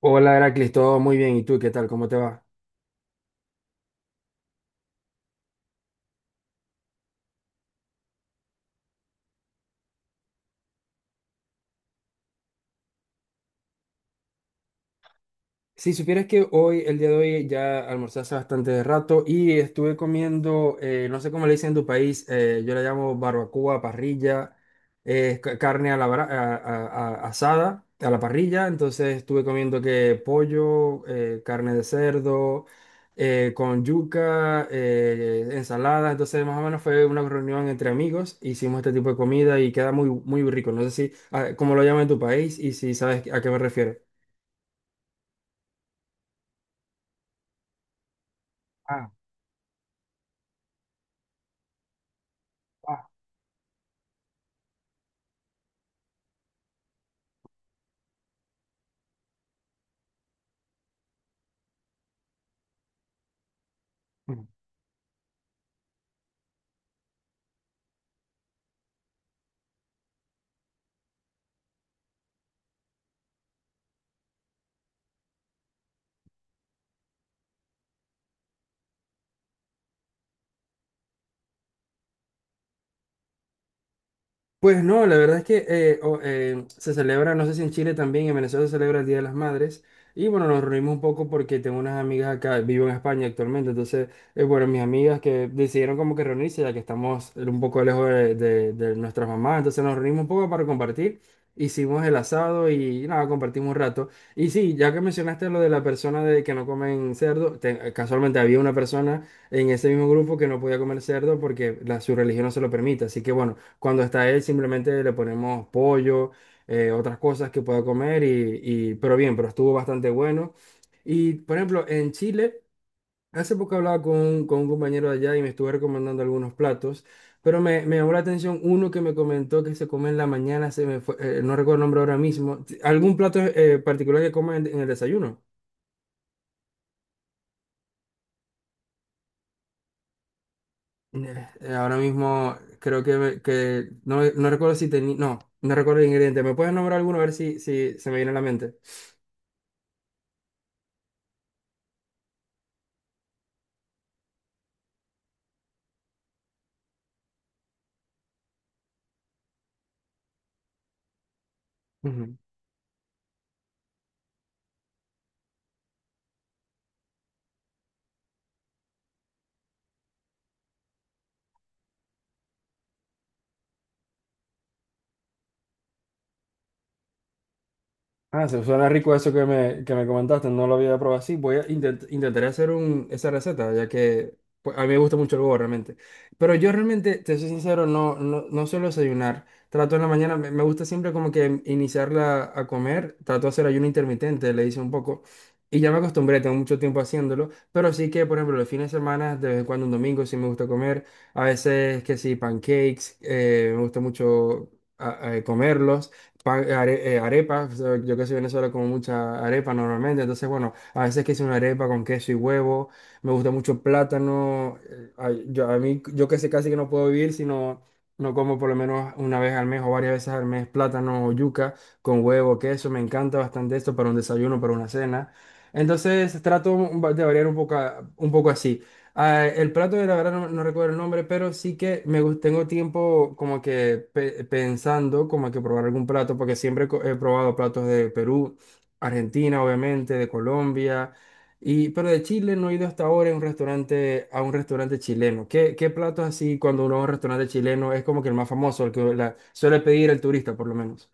Hola, Heracles, todo muy bien. ¿Y tú qué tal? ¿Cómo te va? Si supieras que hoy, el día de hoy, ya almorcé hace bastante rato y estuve comiendo, no sé cómo le dicen en tu país. Yo la llamo barbacoa, parrilla, carne a la, bra- a- asada, a la parrilla. Entonces estuve comiendo que pollo, carne de cerdo, con yuca, ensalada. Entonces más o menos fue una reunión entre amigos, hicimos este tipo de comida y queda muy, muy rico. No sé si, ah, cómo lo llaman en tu país y si sabes a qué me refiero. Ah, ah. Pues no, la verdad es que se celebra, no sé si en Chile también, en Venezuela se celebra el Día de las Madres. Y bueno, nos reunimos un poco porque tengo unas amigas acá, vivo en España actualmente. Entonces, bueno, mis amigas que decidieron como que reunirse, ya que estamos un poco lejos de nuestras mamás. Entonces nos reunimos un poco para compartir. Hicimos el asado y nada, compartimos un rato. Y sí, ya que mencionaste lo de la persona de que no comen cerdo, casualmente había una persona en ese mismo grupo que no podía comer cerdo porque su religión no se lo permite. Así que bueno. Cuando está él, simplemente le ponemos pollo, otras cosas que pueda comer, pero bien, pero estuvo bastante bueno. Y, por ejemplo, en Chile, hace poco hablaba con un compañero de allá y me estuve recomendando algunos platos, pero me llamó la atención uno que me comentó que se come en la mañana. No recuerdo el nombre ahora mismo. ¿Algún plato particular que comen en el desayuno? Ahora mismo creo que, que no, no recuerdo si tenía, no, no recuerdo el ingrediente. ¿Me puedes nombrar alguno a ver si, si se me viene a la mente? Ah, se suena rico eso que me comentaste, no lo había probado así. Voy a intentaré hacer un, esa receta, ya que pues, a mí me gusta mucho el huevo realmente. Pero yo realmente, te soy sincero, no suelo desayunar. Trato en la mañana, me gusta siempre como que iniciarla a comer. Trato de hacer ayuno intermitente, le hice un poco. Y ya me acostumbré, tengo mucho tiempo haciéndolo. Pero sí que, por ejemplo, los fines de semana, de vez en cuando un domingo sí me gusta comer. A veces que sí, pancakes, me gusta mucho comerlos arepas. Yo que soy venezolano como mucha arepa normalmente, entonces bueno, a veces que hice una arepa con queso y huevo. Me gusta mucho el plátano, ay, yo, a mí, yo que sé casi que no puedo vivir si no, no como por lo menos una vez al mes o varias veces al mes plátano o yuca con huevo, queso. Me encanta bastante esto para un desayuno, para una cena. Entonces trato de variar un poco, un poco así. Ah, el plato de la verdad no, no recuerdo el nombre, pero sí que tengo tiempo como que pensando como que probar algún plato, porque siempre he probado platos de Perú, Argentina, obviamente, de Colombia, y, pero de Chile no he ido hasta ahora a un restaurante chileno. ¿Qué, qué platos así cuando uno va a un restaurante chileno es como que el más famoso, el que suele pedir el turista por lo menos?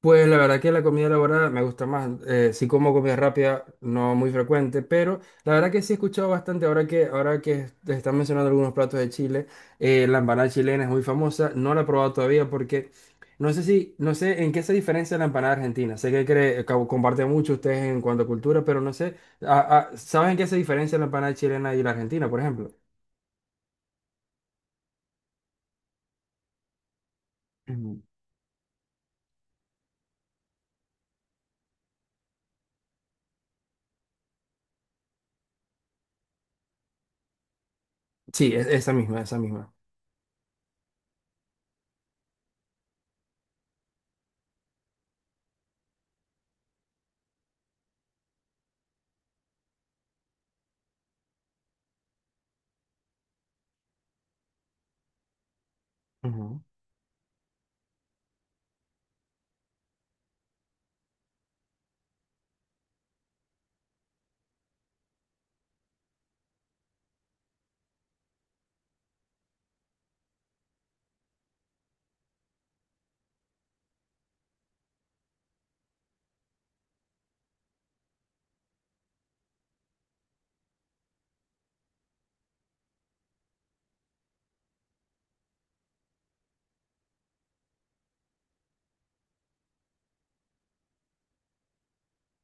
Pues la verdad que la comida elaborada me gusta más. Sí como comida rápida, no muy frecuente, pero la verdad que sí he escuchado bastante ahora que te están mencionando algunos platos de Chile. La empanada chilena es muy famosa. No la he probado todavía porque no sé si, no sé en qué se diferencia la empanada argentina. Sé que cree, comparten mucho ustedes en cuanto a cultura, pero no sé. Ah, ah, ¿saben en qué se diferencia la empanada chilena y la argentina, por ejemplo? Ujú. Sí, esa misma, esa misma. Ujú,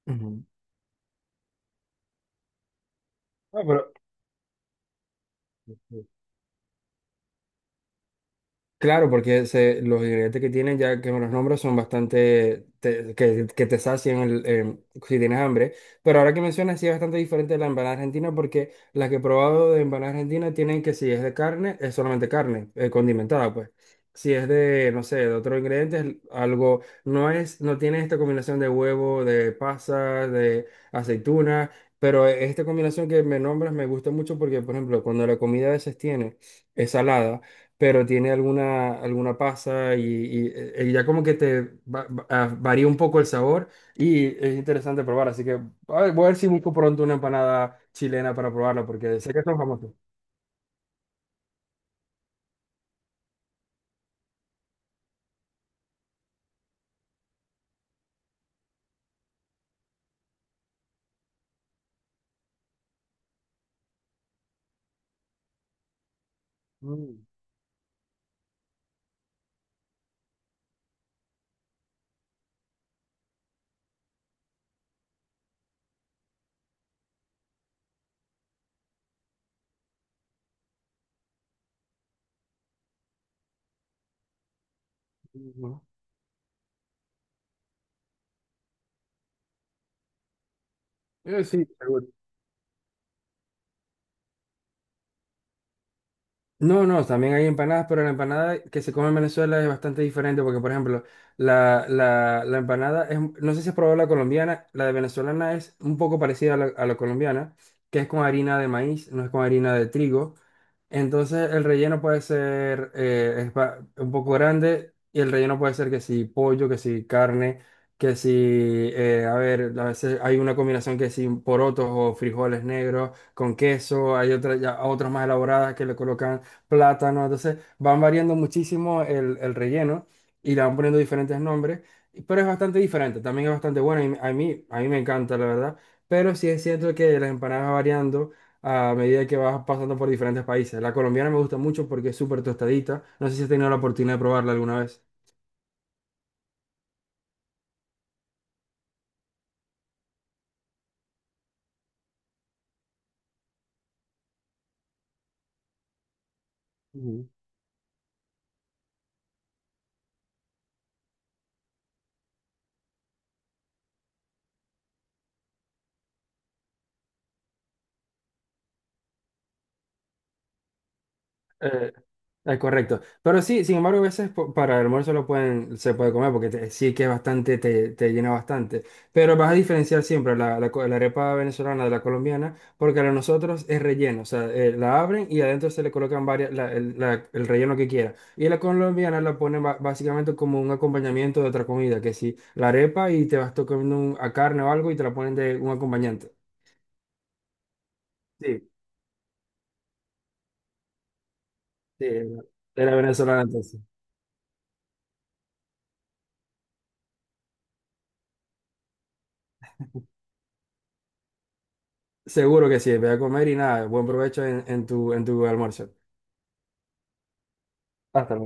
ujú. Ah, pero ok. Claro, porque los ingredientes que tienen, ya que me los nombro, son que te sacian el, si tienes hambre. Pero ahora que mencionas, sí es bastante diferente de la empanada argentina, porque la que he probado de empanada argentina tienen que si es de carne, es solamente carne, condimentada, pues. Si es de, no sé, de otro ingrediente, es algo, no es, no tiene esta combinación de huevo, de pasa, de aceituna, pero esta combinación que me nombras me gusta mucho porque, por ejemplo, cuando la comida a veces tiene, es salada pero tiene alguna, alguna pasa ya como que te varía un poco el sabor y es interesante probar. Así que a ver, voy a ver si busco pronto una empanada chilena para probarla porque sé que son famosos. Mm, mm, ¿no? Sí, seguro. No, no, también hay empanadas, pero la empanada que se come en Venezuela es bastante diferente porque, por ejemplo, la empanada es, no sé si has probado la colombiana, la de venezolana es un poco parecida a la colombiana, que es con harina de maíz, no es con harina de trigo. Entonces el relleno puede ser un poco grande y el relleno puede ser que si pollo, que si carne, que si, a ver, a veces hay una combinación que si porotos o frijoles negros con queso, hay otras ya otras más elaboradas que le colocan plátano. Entonces van variando muchísimo el relleno y le van poniendo diferentes nombres, pero es bastante diferente, también es bastante bueno a mí me encanta, la verdad. Pero sí es cierto que las empanadas van variando a medida que vas pasando por diferentes países. La colombiana me gusta mucho porque es súper tostadita. No sé si has tenido la oportunidad de probarla alguna vez. Eh, correcto. Pero sí, sin embargo, a veces para el almuerzo lo pueden, se puede comer porque sí que es bastante, te llena bastante. Pero vas a diferenciar siempre la arepa venezolana de la colombiana porque la de nosotros es relleno. O sea, la abren y adentro se le colocan varias, el relleno que quiera. Y la colombiana la ponen básicamente como un acompañamiento de otra comida, que si la arepa y te vas comiendo a carne o algo y te la ponen de un acompañante. Sí, sí, de la venezolana entonces. Seguro que sí, ve a comer y nada, buen provecho en tu almuerzo. Hasta luego.